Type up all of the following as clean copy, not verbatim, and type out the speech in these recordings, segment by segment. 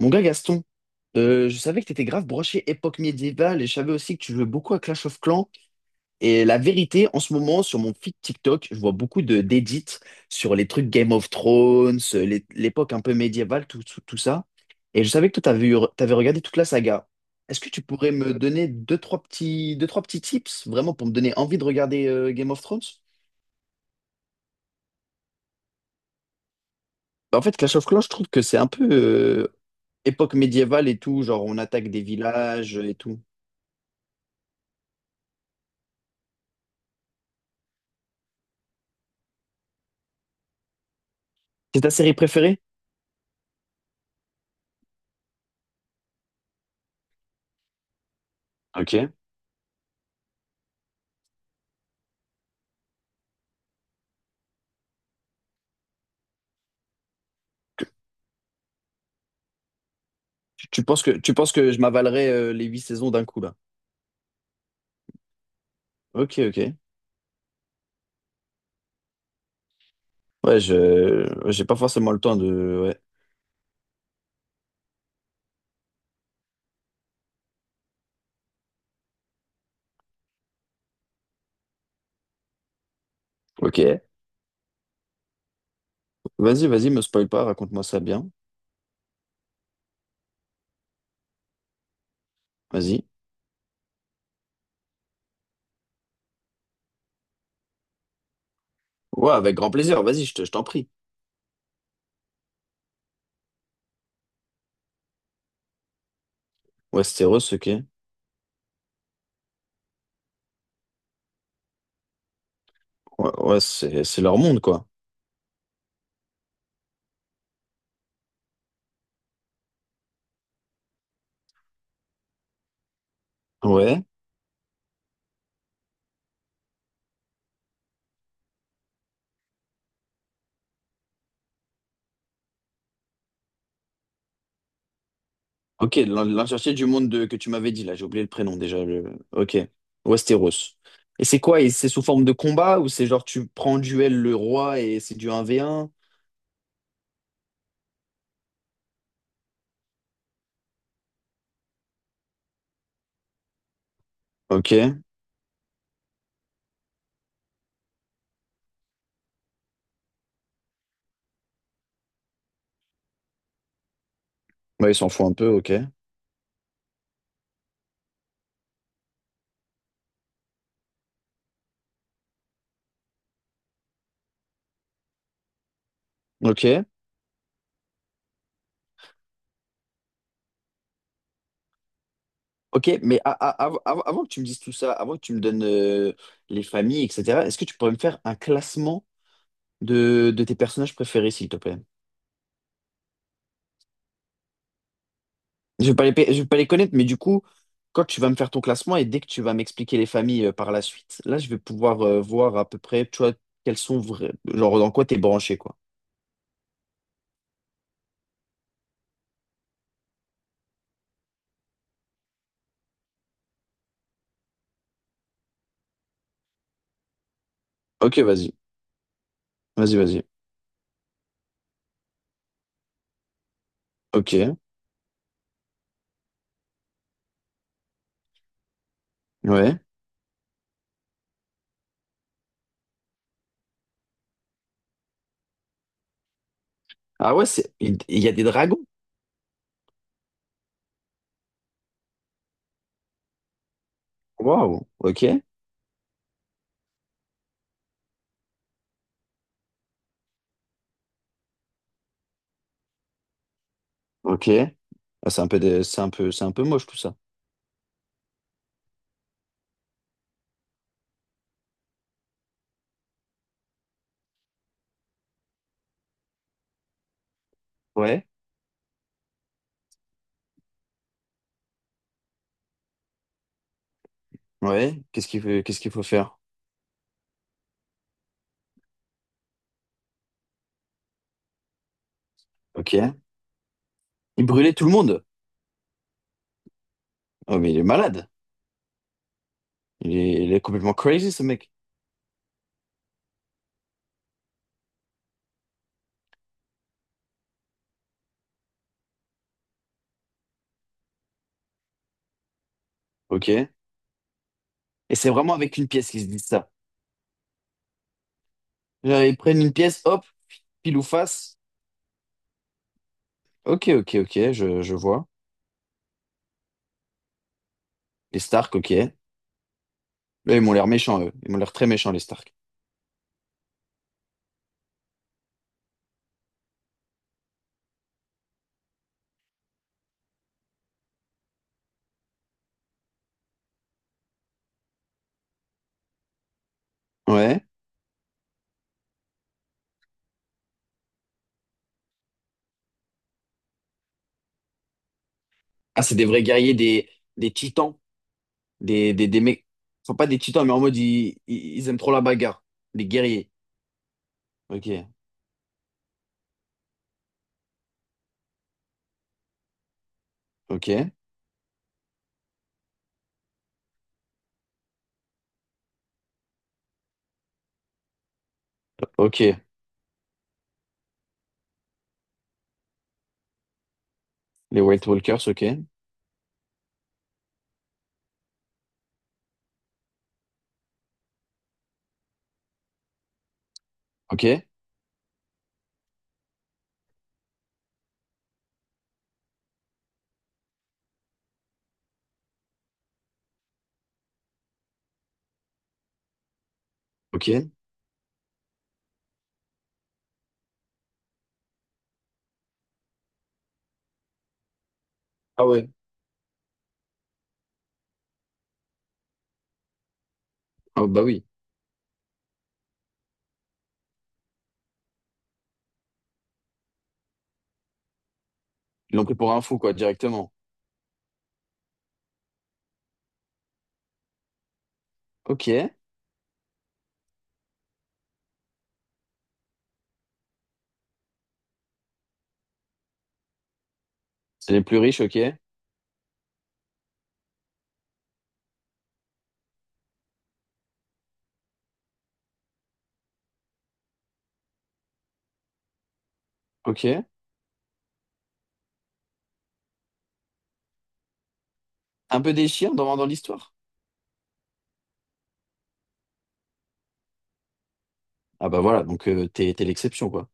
Mon gars Gaston, je savais que t'étais grave broché époque médiévale et je savais aussi que tu jouais beaucoup à Clash of Clans. Et la vérité, en ce moment, sur mon feed TikTok, je vois beaucoup de d'edits sur les trucs Game of Thrones, l'époque un peu médiévale, tout ça. Et je savais que toi, t'avais regardé toute la saga. Est-ce que tu pourrais me donner deux, trois petits tips, vraiment, pour me donner envie de regarder Game of Thrones? Bah, en fait, Clash of Clans, je trouve que c'est un peu époque médiévale et tout, genre on attaque des villages et tout. C'est ta série préférée? Ok. Tu penses que je m'avalerais les 8 saisons d'un coup, là? Ok, ok. J'ai pas forcément le temps de... Ouais. Ok. Vas-y, vas-y, me spoil pas, raconte-moi ça bien. Vas-y. Ouais, avec grand plaisir, vas-y, je t'en prie. Westeros, ok. Ouais, ouais, c'est leur monde, quoi. Ouais. Ok, l'entièreté du monde que tu m'avais dit, là, j'ai oublié le prénom déjà. Ok. Westeros. Et c'est quoi? Et c'est sous forme de combat ou c'est genre tu prends en duel le roi et c'est du un v un? Ok. Ouais, ils s'en foutent un peu, ok. Ok. Ok, mais avant que tu me dises tout ça, avant que tu me donnes les familles, etc., est-ce que tu pourrais me faire un classement de tes personnages préférés, s'il te plaît? Je vais pas les connaître, mais du coup, quand tu vas me faire ton classement et dès que tu vas m'expliquer les familles par la suite, là, je vais pouvoir voir à peu près, tu vois, quels sont vrais, genre dans quoi t'es branché, quoi. Ok, vas-y. Ok, ouais. Ah ouais, c'est, il y a des dragons. Waouh, ok, ok. Ah, c'est un peu moche tout ça. Ouais. Ouais, qu'est-ce qu'il faut faire? Ok. Il brûlait tout le monde. Oh, mais il est malade. Il est complètement crazy, ce mec. Ok. Et c'est vraiment avec une pièce qu'ils se disent ça. Genre, ils prennent une pièce, hop, pile ou face. Ok, ok, ok, je vois. Les Stark, ok. Là, ils m'ont l'air méchants, eux. Ils m'ont l'air très méchants, les Stark. Ouais. Ah, c'est des vrais guerriers, des titans. Des mecs. Enfin, pas des titans, mais en mode, ils aiment trop la bagarre. Des guerriers. Ok, ok, ok. Les White Walkers, ok. Ok, ok. Ah ouais. Ah bah oui, ils l'ont pris pour un fou, quoi, directement. Ok, c'est les plus riches, ok, ok. Un peu déchirant dans l'histoire. Ah bah voilà, donc t'es l'exception, quoi.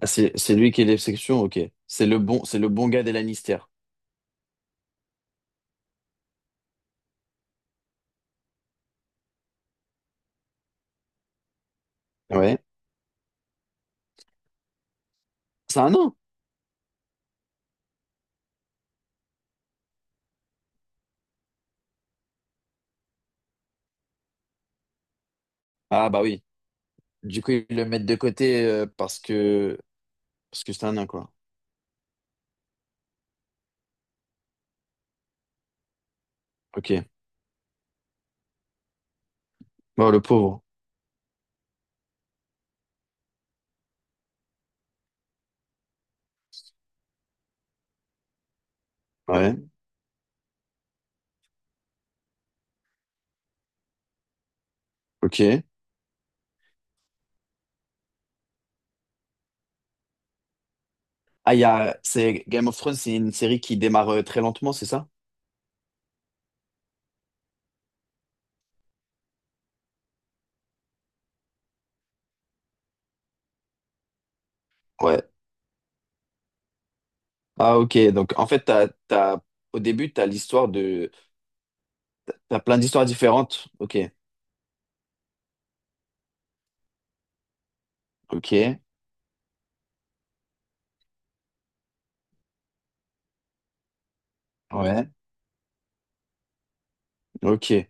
Ah, c'est lui qui est l'exception, ok. C'est le bon gars des Lannister. Ouais. C'est un nain. Ah bah oui. Du coup, ils le mettent de côté parce que c'est un nain, quoi. Ok. Bon, le pauvre. Ouais. Ok. Ah, il y a... c'est Game of Thrones, c'est une série qui démarre très lentement, c'est ça? Ouais. Ah ok, donc en fait, t'as... au début, t'as l'histoire de... T'as plein d'histoires différentes. Ok, ok, ouais, ok.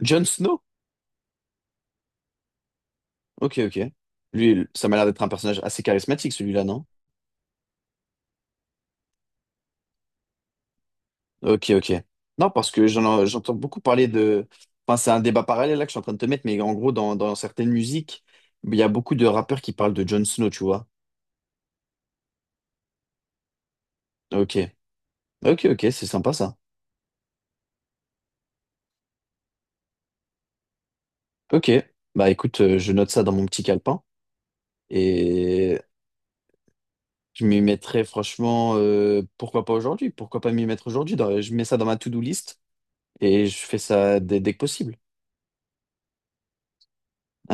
Jon Snow? Ok, ok. Lui, ça m'a l'air d'être un personnage assez charismatique, celui-là, non? Ok, ok. Non, parce que j'entends beaucoup parler de... Enfin, c'est un débat parallèle là que je suis en train de te mettre, mais en gros, dans certaines musiques, il y a beaucoup de rappeurs qui parlent de Jon Snow, tu vois. Ok, ok, ok, c'est sympa ça. Ok, bah écoute, je note ça dans mon petit calepin et je m'y mettrai franchement, pourquoi pas aujourd'hui? Pourquoi pas m'y mettre aujourd'hui? Je mets ça dans ma to-do list. Et je fais ça dès que possible.